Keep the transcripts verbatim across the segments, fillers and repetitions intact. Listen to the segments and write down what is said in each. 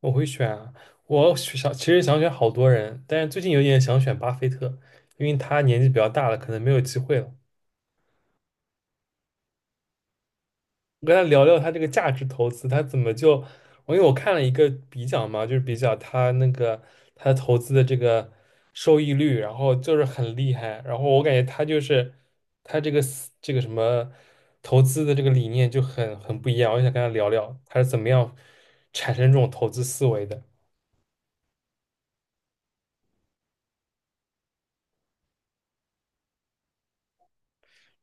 我会选啊，我想其实想选好多人，但是最近有点想选巴菲特，因为他年纪比较大了，可能没有机会了。我跟他聊聊他这个价值投资，他怎么就，我因为我看了一个比较嘛，就是比较他那个他投资的这个收益率，然后就是很厉害，然后我感觉他就是他这个思这个什么投资的这个理念就很很不一样，我就想跟他聊聊他是怎么样产生这种投资思维的。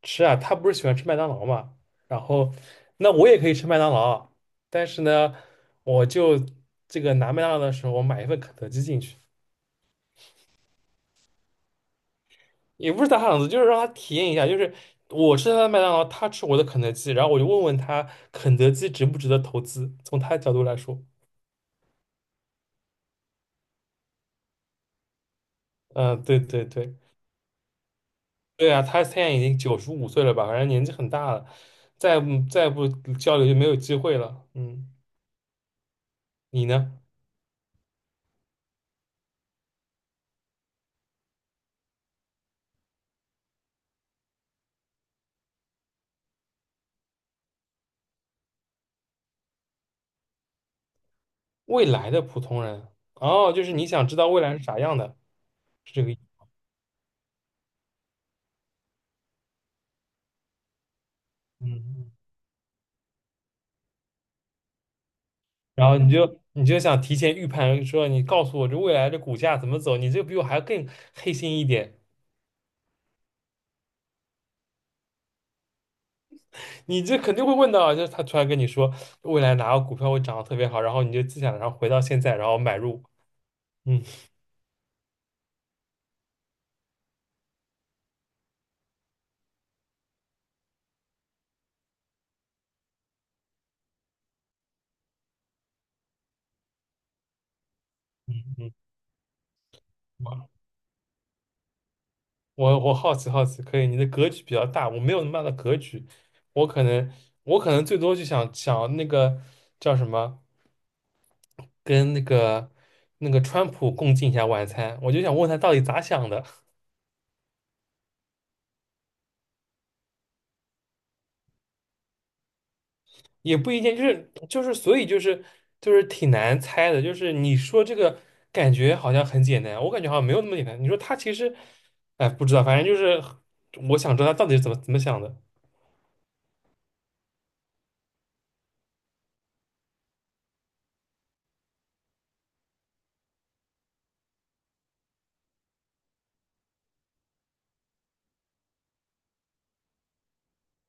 吃啊，他不是喜欢吃麦当劳嘛，然后那我也可以吃麦当劳，但是呢，我就这个拿麦当劳的时候，我买一份肯德基进去，也不是打赏子，就是让他体验一下，就是我吃他的麦当劳，他吃我的肯德基，然后我就问问他肯德基值不值得投资，从他的角度来说，嗯，对对对，对啊，他现在已经九十五岁了吧，反正年纪很大了，再不再不交流就没有机会了，嗯，你呢？未来的普通人，哦，就是你想知道未来是啥样的，是这个意思。嗯，然后你就你就想提前预判，说你告诉我这未来的股价怎么走，你这比我还要更黑心一点，你这肯定会问到啊，就是他突然跟你说未来哪个股票会涨得特别好，然后你就自想，然后回到现在，然后买入。嗯嗯嗯，我我我好奇好奇，可以，你的格局比较大，我没有那么大的格局，我可能我可能最多就想想那个叫什么。跟那个那个川普共进一下晚餐，我就想问他到底咋想的，也不一定，就是就是所以就是就是挺难猜的，就是你说这个感觉好像很简单，我感觉好像没有那么简单。你说他其实，哎，不知道，反正就是我想知道他到底是怎么怎么想的。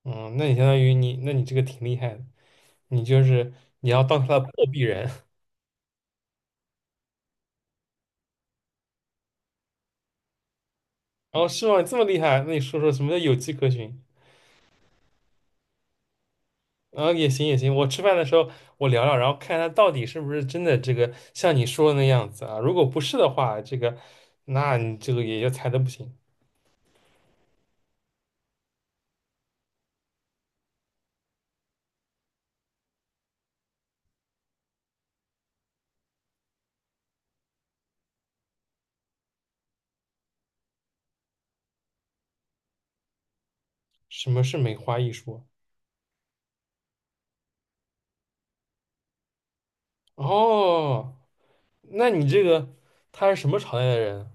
嗯，那你相当于你，那你这个挺厉害的，你就是你要当他的破壁人，然后是吗？你这么厉害，那你说说什么叫有迹可循？啊，也行也行，我吃饭的时候我聊聊，然后看他到底是不是真的这个像你说的那样子啊。如果不是的话，这个那你这个也就猜的不行。什么是梅花易数啊哦，那你这个他是什么朝代的人？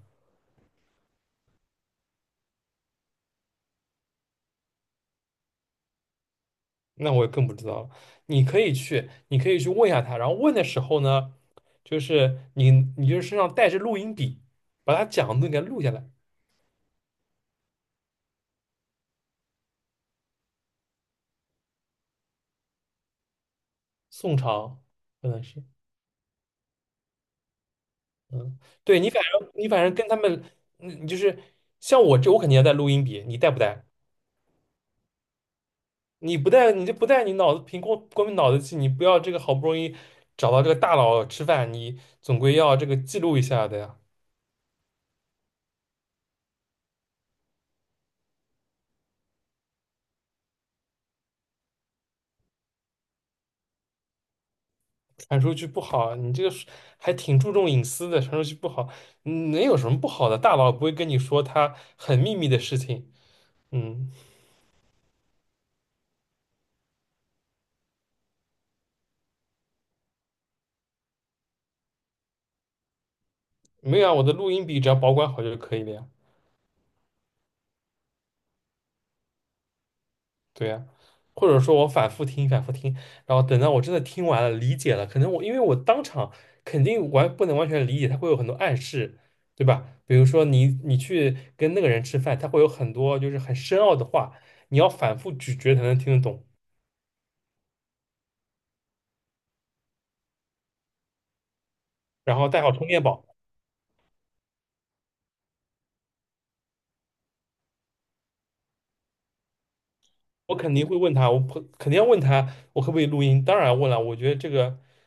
那我更不知道了。你可以去，你可以去问一下他，然后问的时候呢，就是你你就是身上带着录音笔，把他讲的给他录下来。宋朝可能是。嗯，对你反正你反正跟他们，嗯，就是像我这，我肯定要带录音笔，你带不带？你不带，你就不带，你脑子凭光光凭脑子记，你不要这个好不容易找到这个大佬吃饭，你总归要这个记录一下的呀，传出去不好，你这个是还挺注重隐私的，传出去不好，嗯能有什么不好的？大佬不会跟你说他很秘密的事情，嗯，没有啊，我的录音笔只要保管好就可以了呀。对呀，或者说我反复听、反复听，然后等到我真的听完了、理解了，可能我因为我当场肯定完不能完全理解，他会有很多暗示，对吧？比如说你你去跟那个人吃饭，他会有很多就是很深奥的话，你要反复咀嚼才能听得懂。然后带好充电宝，我肯定会问他，我不肯定要问他我可不可以录音，当然问了，我觉得这个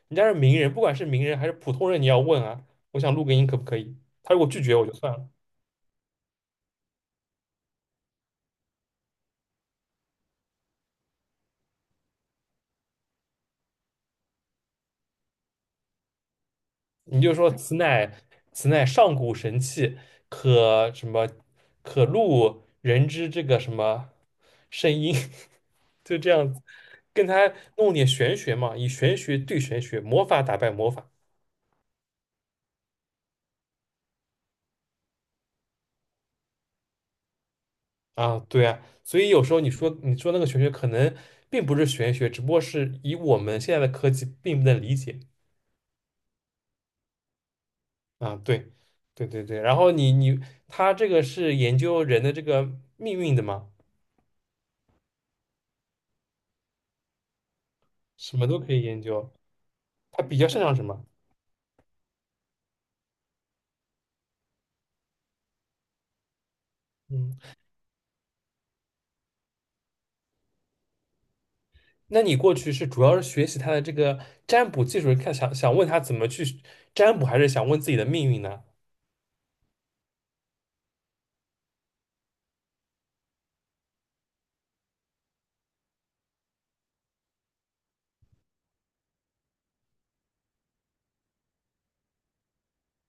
人家是名人，不管是名人还是普通人，你要问啊，我想录个音可不可以？他如果拒绝我就算了。你就说此乃此乃上古神器，可什么可录人之这个什么声音，就这样子，跟他弄点玄学嘛，以玄学对玄学，魔法打败魔法啊，对啊，所以有时候你说你说那个玄学可能并不是玄学，只不过是以我们现在的科技并不能理解啊，对对对对，然后你你他这个是研究人的这个命运的嘛，什么都可以研究，他比较擅长什么？嗯。那你过去是主要是学习他的这个占卜技术，看想想问他怎么去占卜，还是想问自己的命运呢？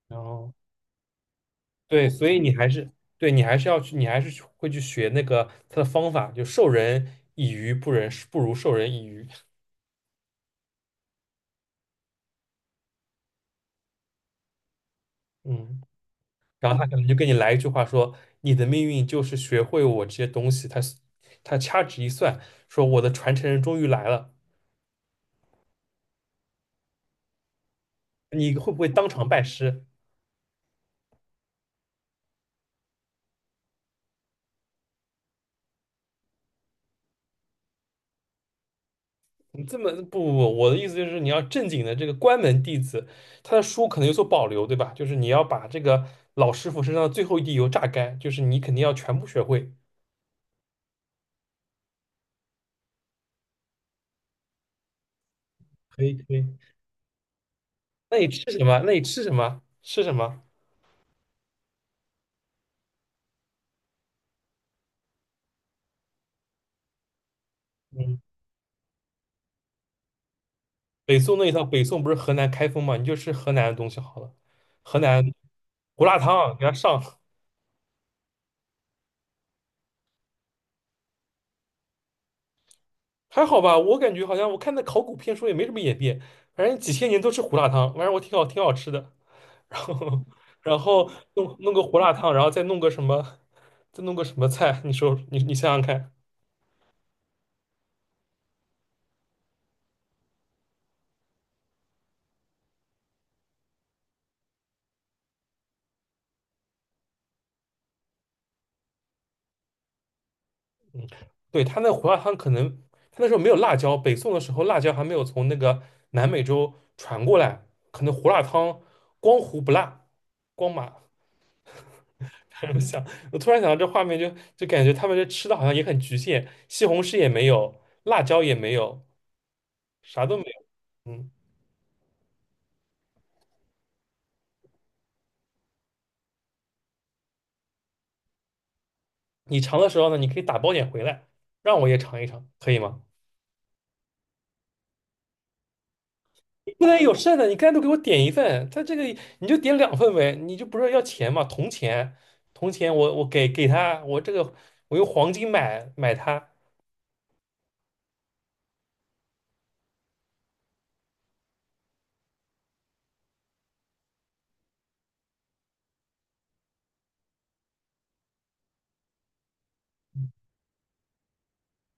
然后对，所以你还是对你还是要去，你还是去会去学那个他的方法，就授人以鱼不人不如授人以渔。嗯，然后他可能就跟你来一句话说，你的命运就是学会我这些东西。他他掐指一算，说我的传承人终于来了，你会不会当场拜师？你这么不不不，我的意思就是你要正经的这个关门弟子，他的书可能有所保留，对吧？就是你要把这个老师傅身上的最后一滴油榨干，就是你肯定要全部学会。可以可以，那你吃什么？那你吃什么？吃什么？嗯，北宋那一套，北宋不是河南开封嘛？你就吃河南的东西好了，河南胡辣汤给他上，还好吧？我感觉好像我看那考古片说也没什么演变，反正几千年都吃胡辣汤，反正我挺好挺好吃的。然后然后弄弄个胡辣汤，然后再弄个什么，再弄个什么菜？你说你你想想看，嗯，对，他那胡辣汤可能他那时候没有辣椒，北宋的时候辣椒还没有从那个南美洲传过来，可能胡辣汤光胡不辣，光麻。我想，我突然想到这画面就，就感觉他们这吃的好像也很局限，西红柿也没有，辣椒也没有，啥都没有。嗯，你尝的时候呢，你可以打包点回来，让我也尝一尝，可以吗？不能有剩的，你干脆给我点一份，他这个你就点两份呗，你就不是要钱嘛，铜钱，铜钱我我给给他，我这个我用黄金买买它，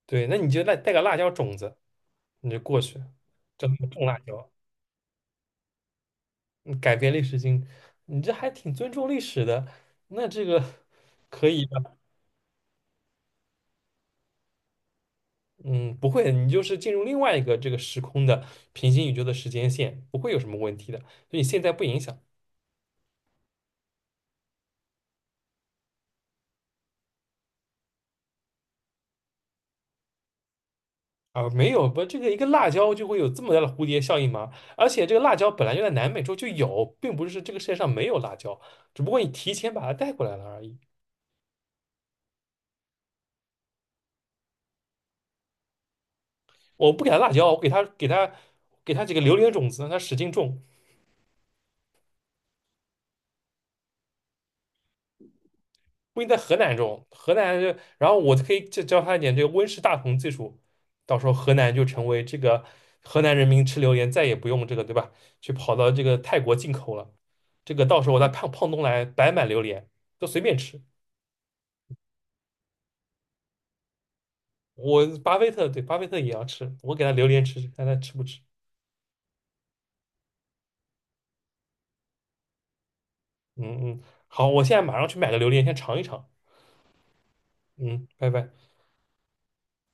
对，那你就带带个辣椒种子，你就过去，整个种辣椒，你改变历史经，你这还挺尊重历史的，那这个可以的，嗯，不会，你就是进入另外一个这个时空的平行宇宙的时间线，不会有什么问题的，所以你现在不影响。啊，没有不，这个一个辣椒就会有这么大的蝴蝶效应吗？而且这个辣椒本来就在南美洲就有，并不是这个世界上没有辣椒，只不过你提前把它带过来了而已。我不给他辣椒，我给他给他给他几个榴莲种子，让它使劲种。不一定在河南种，河南就，然后我可以教教他一点这个温室大棚技术，到时候河南就成为这个河南人民吃榴莲再也不用这个对吧？去跑到这个泰国进口了，这个到时候我在胖胖东来白买榴莲，都随便吃。我巴菲特对巴菲特也要吃，我给他榴莲吃吃，看他吃不吃。嗯嗯，好，我现在马上去买个榴莲，先尝一尝。嗯，拜拜。